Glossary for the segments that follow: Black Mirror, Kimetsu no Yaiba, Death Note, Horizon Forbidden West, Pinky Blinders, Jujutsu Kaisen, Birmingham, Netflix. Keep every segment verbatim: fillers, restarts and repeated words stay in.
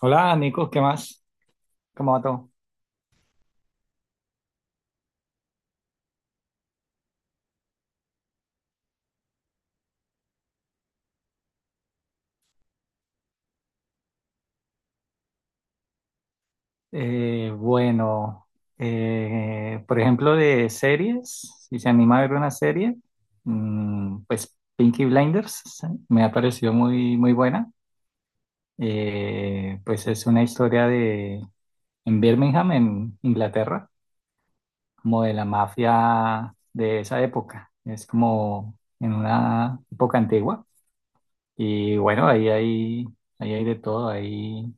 Hola, Nico, ¿qué más? ¿Cómo va todo? Eh, bueno, eh, por ejemplo, de series, si se anima a ver una serie, mm, pues Pinky Blinders sí, me ha parecido muy, muy buena. Eh, pues es una historia de en Birmingham, en Inglaterra, como de la mafia de esa época. Es como en una época antigua. Y bueno, ahí hay, ahí hay de todo, ahí.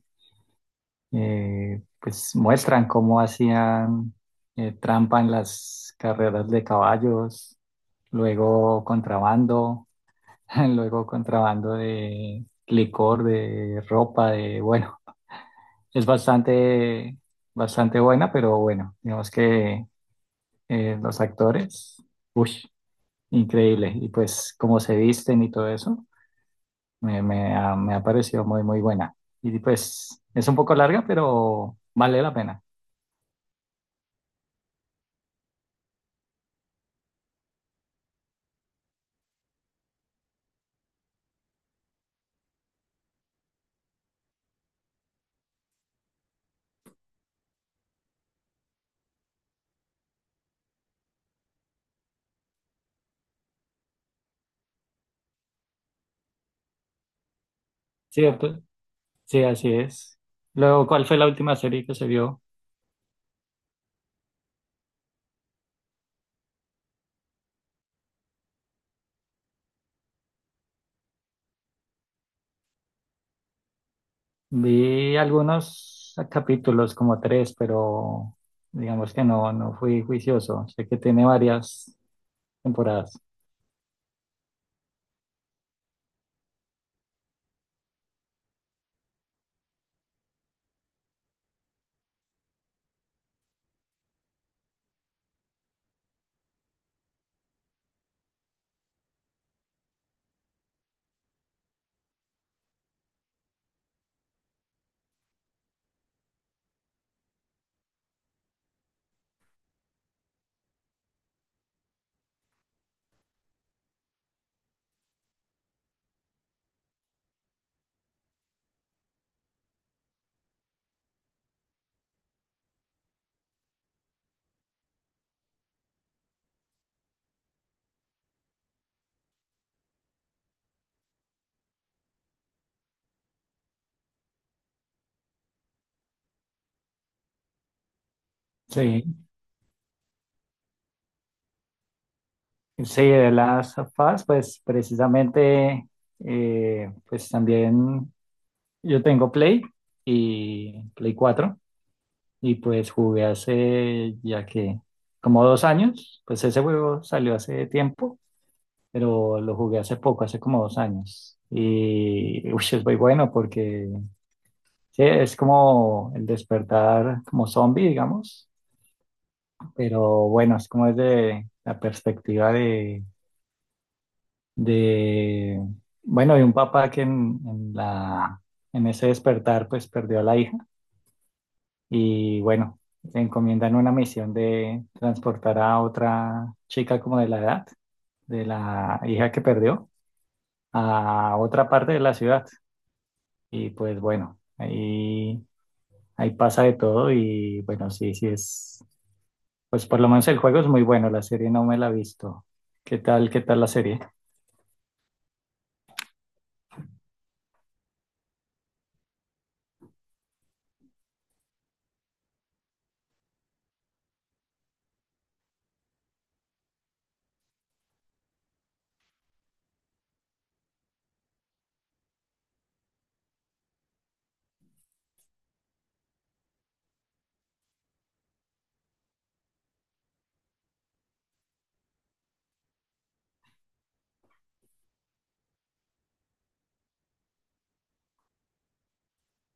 eh, Pues muestran cómo hacían eh, trampa en las carreras de caballos, luego contrabando, luego contrabando de licor, de ropa, de, bueno, es bastante, bastante buena, pero bueno, digamos que eh, los actores, uy, increíble, y pues cómo se visten y todo eso, me, me ha, me ha parecido muy, muy buena. Y pues es un poco larga, pero vale la pena. ¿Cierto? Sí, así es. Luego, ¿cuál fue la última serie que se vio? Vi algunos capítulos, como tres, pero digamos que no, no fui juicioso. Sé que tiene varias temporadas. Sí, sí, de las Us, pues precisamente, eh, pues también yo tengo Play y Play cuatro y pues jugué hace ya que como dos años, pues ese juego salió hace tiempo pero lo jugué hace poco, hace como dos años. Y uy, es muy bueno porque sí, es como el despertar como zombie, digamos, pero bueno, es como desde la perspectiva de, de bueno, de un papá que en, en la, en ese despertar pues perdió a la hija y bueno, le encomiendan una misión de transportar a otra chica como de la edad, de la hija que perdió, a otra parte de la ciudad. Y pues bueno, ahí, ahí pasa de todo y bueno, sí, sí es, pues por lo menos el juego es muy bueno, la serie no me la he visto. ¿Qué tal, qué tal la serie?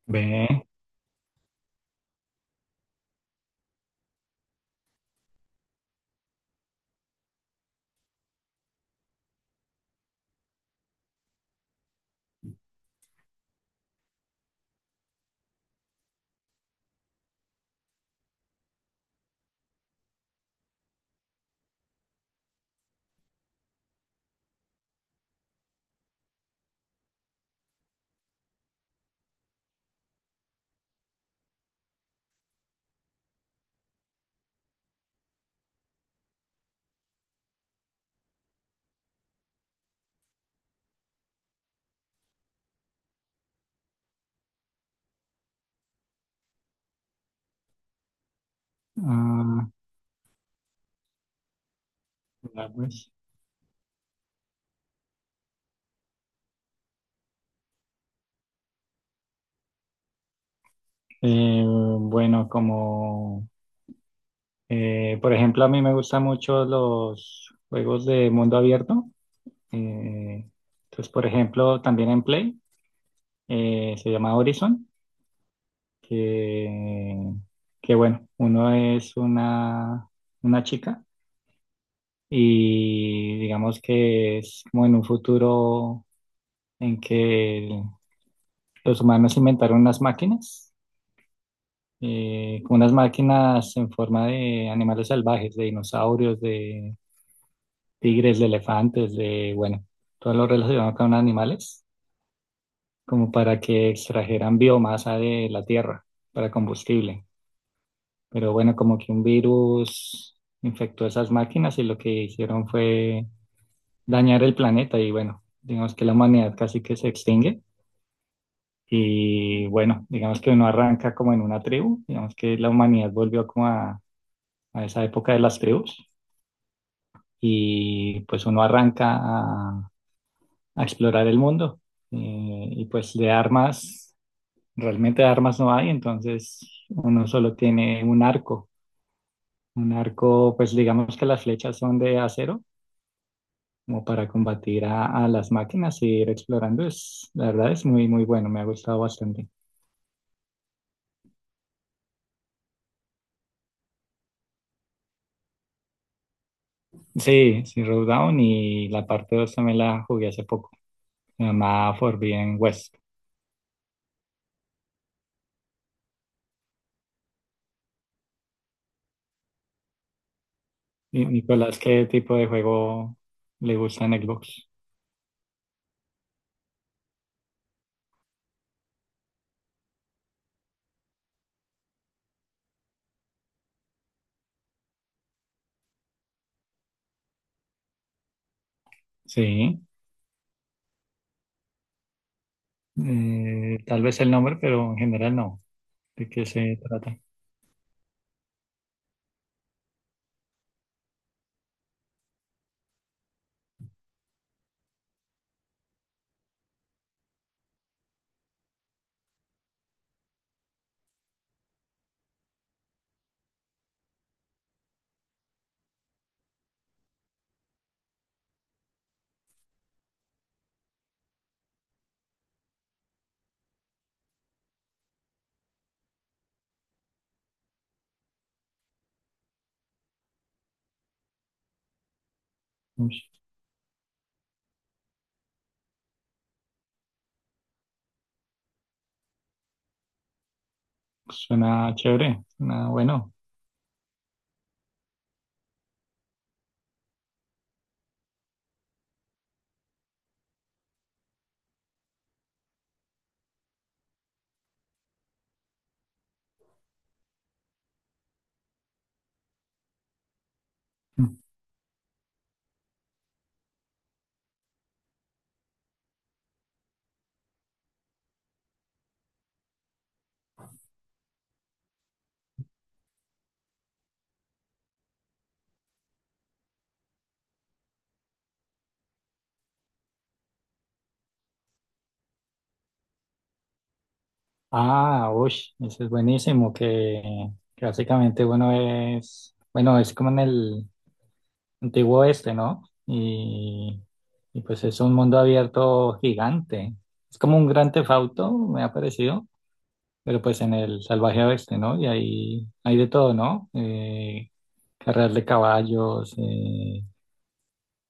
Ve, ah, mira, pues. Eh, bueno, como eh, por ejemplo a mí me gustan mucho los juegos de mundo abierto. Eh, entonces, por ejemplo, también en Play eh, se llama Horizon, que, que bueno, uno es una, una chica y digamos que es como en un futuro en que el- los humanos inventaron unas máquinas, eh, como unas máquinas en forma de animales salvajes, de dinosaurios, de tigres, de elefantes, de, bueno, todo lo relacionado con animales, como para que extrajeran biomasa de la tierra para combustible. Pero bueno, como que un virus infectó esas máquinas y lo que hicieron fue dañar el planeta y bueno, digamos que la humanidad casi que se extingue y bueno, digamos que uno arranca como en una tribu, digamos que la humanidad volvió como a, a esa época de las tribus y pues uno arranca a, a explorar el mundo eh, y pues de armas, realmente de armas no hay, entonces uno solo tiene un arco. Un arco, pues digamos que las flechas son de acero, como para combatir a, a las máquinas e ir explorando, es, la verdad es muy, muy bueno, me ha gustado bastante. Sí, sí, Down y la parte dos también la jugué hace poco, se llama Forbidden West. Y, Nicolás, ¿qué tipo de juego le gusta en Xbox? Sí, eh, tal vez el nombre, pero en general no. ¿De qué se trata? Ush, suena chévere, suena bueno. Ah, uy, ese es buenísimo, que, que básicamente bueno es, bueno, es como en el, antiguo este, ¿no? Y, y pues es un mundo abierto gigante. Es como un gran tefauto, me ha parecido, pero pues en el salvaje oeste, ¿no? Y ahí hay de todo, ¿no? Eh, carreras de caballos, eh,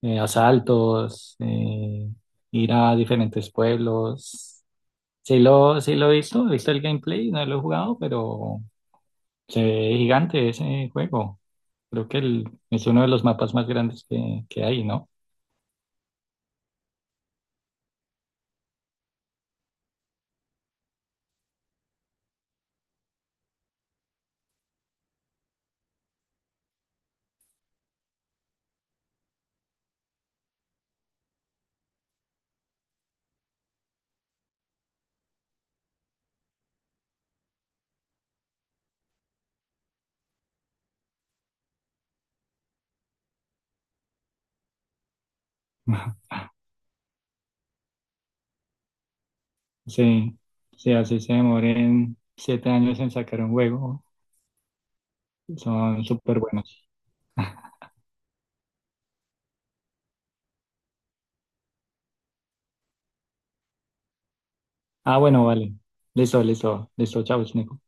eh, asaltos, eh, ir a diferentes pueblos. Sí lo, sí lo he visto, he visto el gameplay, no lo he jugado, pero se ve gigante ese juego. Creo que el- es uno de los mapas más grandes que, que hay, ¿no? Sí, sí, así se demoren siete años en sacar un juego. Son súper buenos. Ah, bueno, vale. Listo, listo, listo. Chao, Nico.